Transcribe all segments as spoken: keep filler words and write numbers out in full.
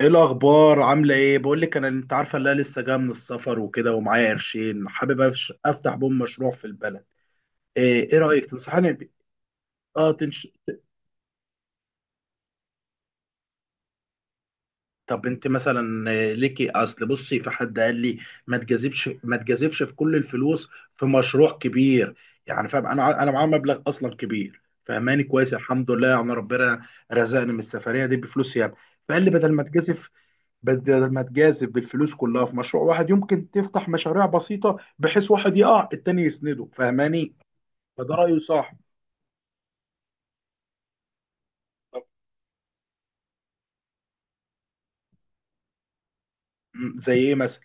ايه الاخبار؟ عامله ايه؟ بقول لك انا، انت عارفه ان انا لسه جايه من السفر وكده، ومعايا قرشين حابب أفش- افتح بوم مشروع في البلد. ايه ايه رايك؟ تنصحني ب- اه تنش... طب انت مثلا، آه، ليكي اصل، بصي، في حد قال لي ما تجازفش ما تجازفش في كل الفلوس في مشروع كبير. يعني فاهم، انا ع- انا معايا مبلغ اصلا كبير، فهماني كويس، الحمد لله، يعني ربنا رزقني من السفريه دي بفلوس يعني. فقال لي بدل ما تجازف بدل ما تجازف بالفلوس كلها في مشروع واحد، يمكن تفتح مشاريع بسيطة بحيث واحد يقع التاني يسنده، فاهماني؟ فده رأيه صح. طب، م، زي ايه مثلا؟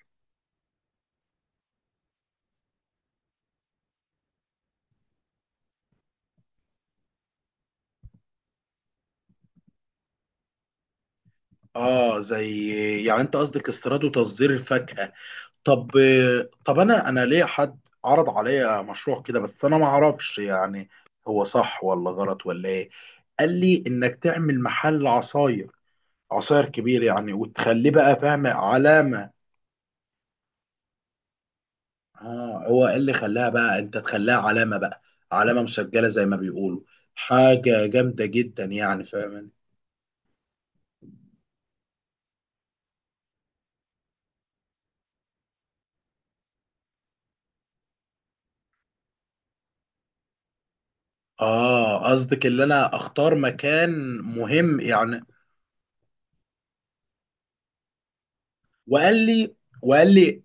اه زي، يعني انت قصدك استيراد وتصدير الفاكهة؟ طب، طب انا انا ليه حد عرض عليا مشروع كده، بس انا ما اعرفش يعني هو صح ولا غلط ولا ايه. قال لي انك تعمل محل عصاير، عصاير كبير يعني، وتخليه بقى فاهم؟ علامة. اه، هو إيه اللي خلاها بقى انت تخليها علامة بقى؟ علامة مسجلة زي ما بيقولوا، حاجة جامدة جدا يعني، فاهم؟ اه قصدك اللي انا اختار مكان مهم يعني. وقال لي وقال لي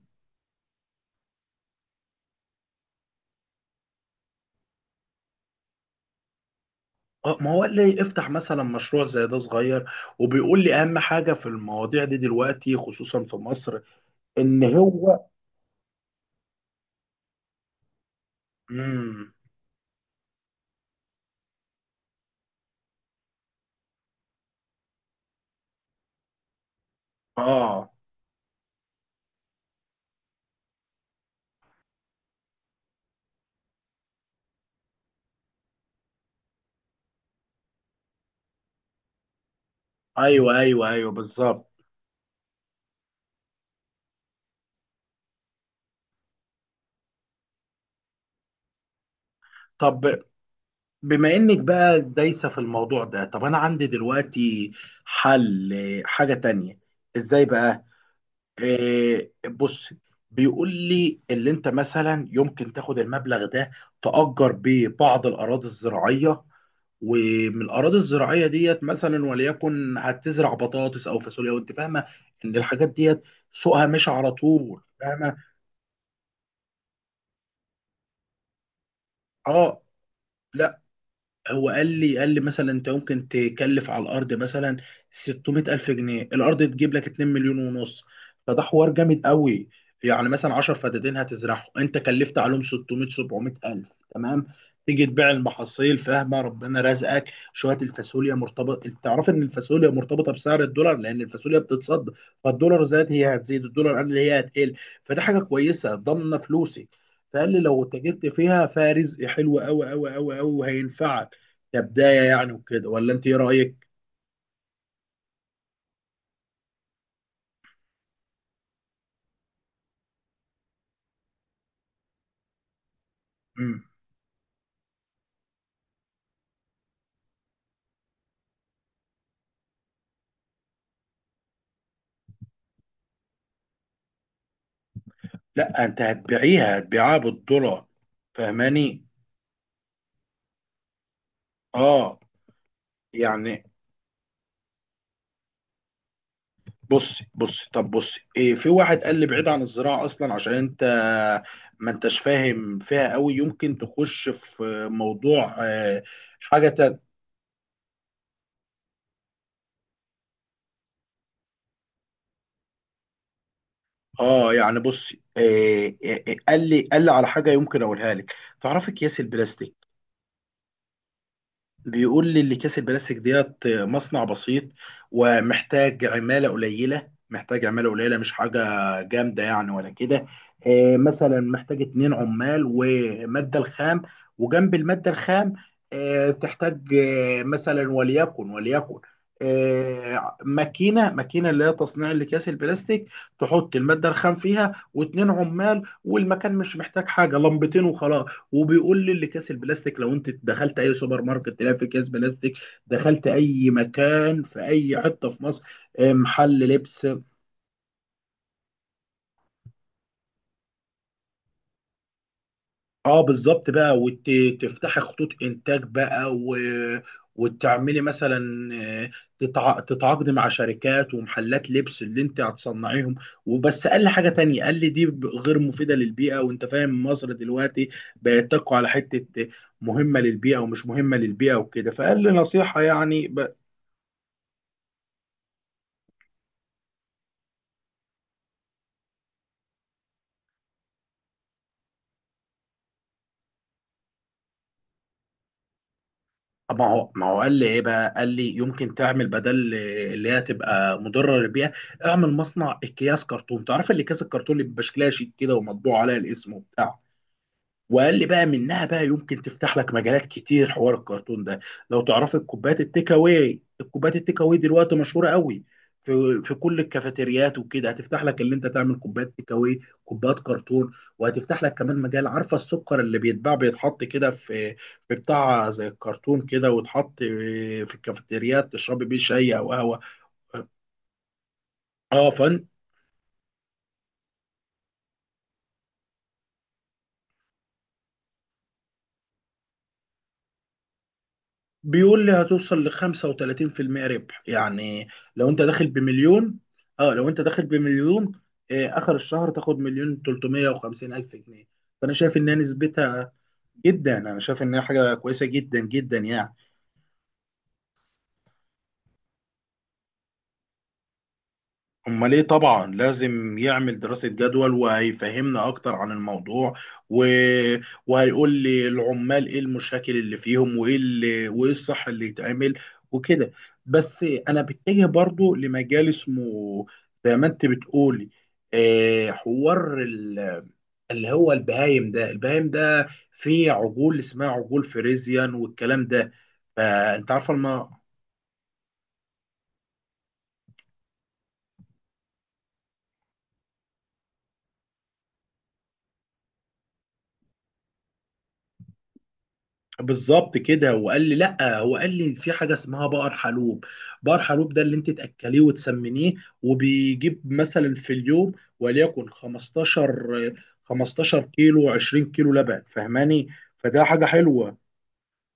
آه، ما هو قال لي افتح مثلا مشروع زي ده صغير، وبيقول لي اهم حاجة في المواضيع دي دلوقتي خصوصا في مصر ان هو. امم. اه. ايوه ايوه ايوه بالظبط. طب بما انك بقى دايسة في الموضوع ده، طب انا عندي دلوقتي حل، آه، حاجة تانية. ازاي بقى؟ آه بص، بيقول لي اللي انت مثلا يمكن تاخد المبلغ ده، تأجر بيه بعض الاراضي الزراعية، ومن الاراضي الزراعية ديت مثلا، وليكن هتزرع بطاطس او فاصوليا، وانت فاهمة ان الحاجات ديت سوقها مش على طول، فاهمة؟ اه لا، هو قال لي، قال لي مثلا انت ممكن تكلف على الارض مثلا ستمية الف جنيه، الارض تجيب لك اتنين مليون ونص مليون ونص. فده حوار جامد قوي. يعني مثلا 10 فدادين هتزرعهم، انت كلفت عليهم ستمية سبعمية الف، تمام، تيجي تبيع المحاصيل، فاهمه، ربنا رزقك. شويه الفاصوليا مرتبط، انت تعرف ان الفاصوليا مرتبطه بسعر الدولار لان الفاصوليا بتتصدر. فالدولار زاد هي هتزيد، الدولار قل هي هتقل. فده حاجه كويسه، ضامنه فلوسك. فقال لي لو اتجرت فيها، فيها رزق حلو قوي قوي قوي قوي، وهينفعك كبداية يعني وكده. ولا انت ايه رأيك؟ مم. لا انت هتبيعيها، هتبيعها بالدولار، فاهماني؟ اه يعني. بصي بصي، طب بصي إيه، في واحد قال لي بعيد عن الزراعه اصلا عشان انت ما انتش فاهم فيها قوي، يمكن تخش في موضوع آه، حاجه تانية. اه يعني بصي، إيه إيه إيه، قال لي، قال لي على حاجه، يمكن اقولها لك. تعرفي اكياس البلاستيك؟ بيقول لي اللي كيس البلاستيك ديت مصنع بسيط، ومحتاج عمالة قليلة، محتاج عمالة قليلة مش حاجة جامدة يعني ولا كده. آه، مثلا محتاج اتنين عمال، ومادة الخام، وجنب المادة الخام آه، تحتاج آه، مثلا، وليكن، وليكن آه، ماكينة ماكينة اللي هي تصنيع الأكياس البلاستيك، تحط المادة الخام فيها، واتنين عمال، والمكان مش محتاج حاجة، لمبتين وخلاص. وبيقول لي اللي كاس البلاستيك، لو انت دخلت اي سوبر ماركت تلاقي في كاس بلاستيك، دخلت اي مكان في اي حته في مصر، آه، محل لبس. اه بالظبط بقى، وتفتحي خطوط انتاج بقى، و... وتعملي مثلا آه، تتع... تتعاقدي مع شركات ومحلات لبس اللي انت هتصنعيهم. وبس قال لي حاجه تانية، قال لي دي ب- غير مفيده للبيئه، وانت فاهم مصر دلوقتي بقت تقع على حته مهمه للبيئه ومش مهمه للبيئه وكده، فقال لي نصيحه يعني ب... طب ما هو، ما هو قال لي ايه بقى؟ قال لي يمكن تعمل بدل اللي هي تبقى مضره للبيئه، اعمل مصنع اكياس كرتون، تعرف اللي كاس الكرتون اللي بيبقى شكلها شيك كده ومطبوع عليها الاسم وبتاع؟ وقال لي بقى منها بقى يمكن تفتح لك مجالات كتير، حوار الكرتون ده لو تعرف، الكوبايات التيك اواي، الكوبايات التيك اواي دلوقتي مشهوره قوي في في كل الكافيتريات وكده، هتفتح لك اللي انت تعمل كوبايات تيك اواي، كوبايات كرتون. وهتفتح لك كمان مجال، عارفه السكر اللي بيتباع بيتحط كده في في بتاع زي الكرتون كده، ويتحط في الكافيتريات تشربي بيه شاي او قهوه. اه، بيقول لي هتوصل ل خمسة وتلاتين في المية ربح يعني، لو انت داخل بمليون. اه، لو انت داخل بمليون، آه اخر الشهر تاخد مليون تلتمية وخمسين الف جنيه. فانا شايف انها نسبتها جدا، انا شايف انها حاجه كويسه جدا جدا يعني. امال ايه، طبعا لازم يعمل دراسة جدول، وهيفهمنا اكتر عن الموضوع، و... وهيقول لي العمال ايه المشاكل اللي فيهم، وايه اللي... وايه الصح اللي يتعمل وكده. بس انا بتجه برضو لمجال اسمه، زي ما انت بتقولي، آه، حوار ال... اللي هو البهايم. ده البهايم ده فيه عجول اسمها عجول فريزيان، والكلام ده فانت عارفه. بالظبط كده، وقال لي لا، هو قال لي في حاجه اسمها بقر حلوب، بقر حلوب ده اللي انت تاكليه وتسمنيه، وبيجيب مثلا في اليوم وليكن خمستاشر، 15 كيلو 20 كيلو لبن، فاهماني؟ فده حاجه حلوه.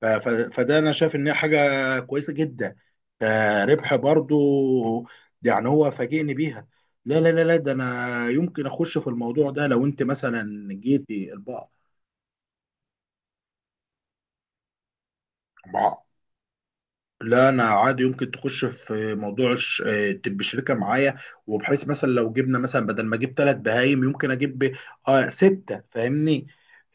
ف- ف- فده انا شايف ان هي حاجه كويسه جدا، فربح برضو يعني، هو فاجئني بيها. لا لا لا لا، ده انا يمكن اخش في الموضوع ده، لو انت مثلا جيتي البقر. لا انا عادي، يمكن تخش في موضوع الش- آه، تبقى شركه معايا، وبحيث مثلا لو جبنا مثلا بدل ما اجيب ثلاث بهايم، يمكن اجيب اه سته، فاهمني؟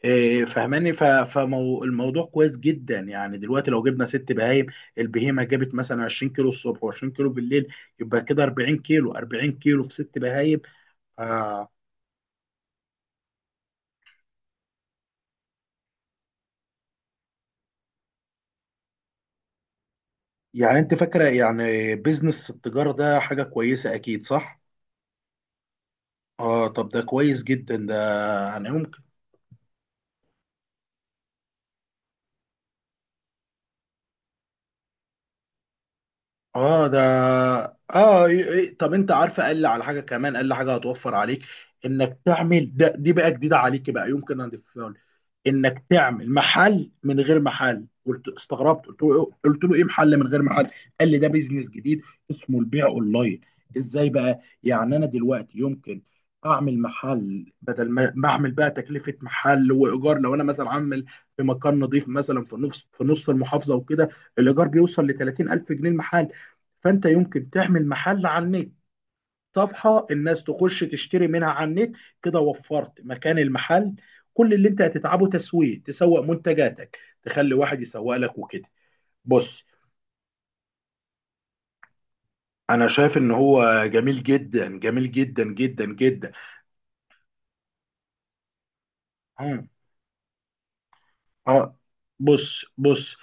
آه، فاهماني، فالموضوع كويس جدا يعني. دلوقتي لو جبنا ست بهايم، البهيمه جابت مثلا 20 كيلو الصبح و20 كيلو بالليل، يبقى كده اربعين كيلو، اربعين كيلو في ست بهايم، آه. يعني انت فاكره يعني بيزنس التجاره ده حاجه كويسه اكيد، صح؟ اه طب ده كويس جدا ده يعني. اه ده، اه، إيه- إيه. طب انت عارفه قال لي على حاجه كمان، قال لي حاجه هتوفر عليك، انك تعمل ده، دي بقى جديده عليك بقى، يمكن اضيفها لك. انك تعمل محل من غير محل. قلت استغربت، قلت له، قلت له ايه محل من غير محل؟ قال لي ده بيزنس جديد اسمه البيع اونلاين. ازاي بقى يعني؟ انا دلوقتي يمكن اعمل محل، بدل ما ما اعمل بقى تكلفه محل وايجار، لو انا مثلا عامل في مكان نظيف مثلا في نص، في نص المحافظه وكده، الايجار بيوصل ل تلاتين الف جنيه المحل، فانت يمكن تعمل محل على النت، صفحه الناس تخش تشتري منها على النت، كده وفرت مكان المحل. كل اللي انت هتتعبه تسويق، تسوق منتجاتك، تخلي واحد يسوق لك وكده. بص، انا شايف ان هو جميل جدا، جميل جدا جدا جدا. اه. آه. بص بص،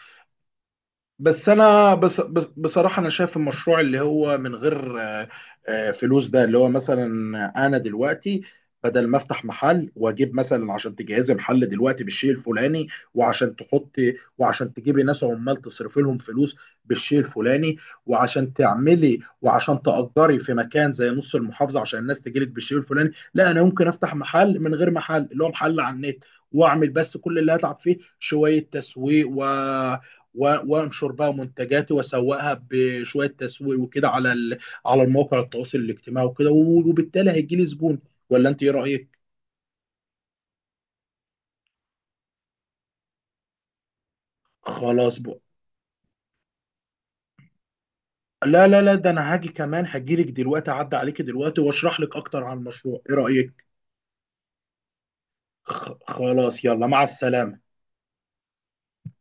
بس انا بس بس بصراحه انا شايف المشروع اللي هو من غير آه، آه، فلوس، ده اللي هو مثلا انا دلوقتي بدل ما افتح محل، واجيب مثلا عشان تجهزي محل دلوقتي بالشيء الفلاني، وعشان تحطي، وعشان تجيبي ناس عمال تصرفي لهم فلوس بالشيء الفلاني، وعشان تعملي، وعشان تأجري في مكان زي نص المحافظة عشان الناس تجيلك بالشيء الفلاني، لا انا ممكن افتح محل من غير محل، اللي هو محل على النت، واعمل بس كل اللي هتعب فيه شوية تسويق، و و- وانشر بقى منتجاتي واسوقها بشويه تسويق وكده على ال- على المواقع التواصل الاجتماعي وكده، و- وبالتالي هيجي لي زبون. ولا انت ايه رايك؟ خلاص بقى. لا لا لا، ده انا هاجي كمان، هجيلك دلوقتي، اعدي عليك دلوقتي واشرح لك اكتر عن المشروع، ايه رايك؟ خ- خلاص، يلا مع السلامه.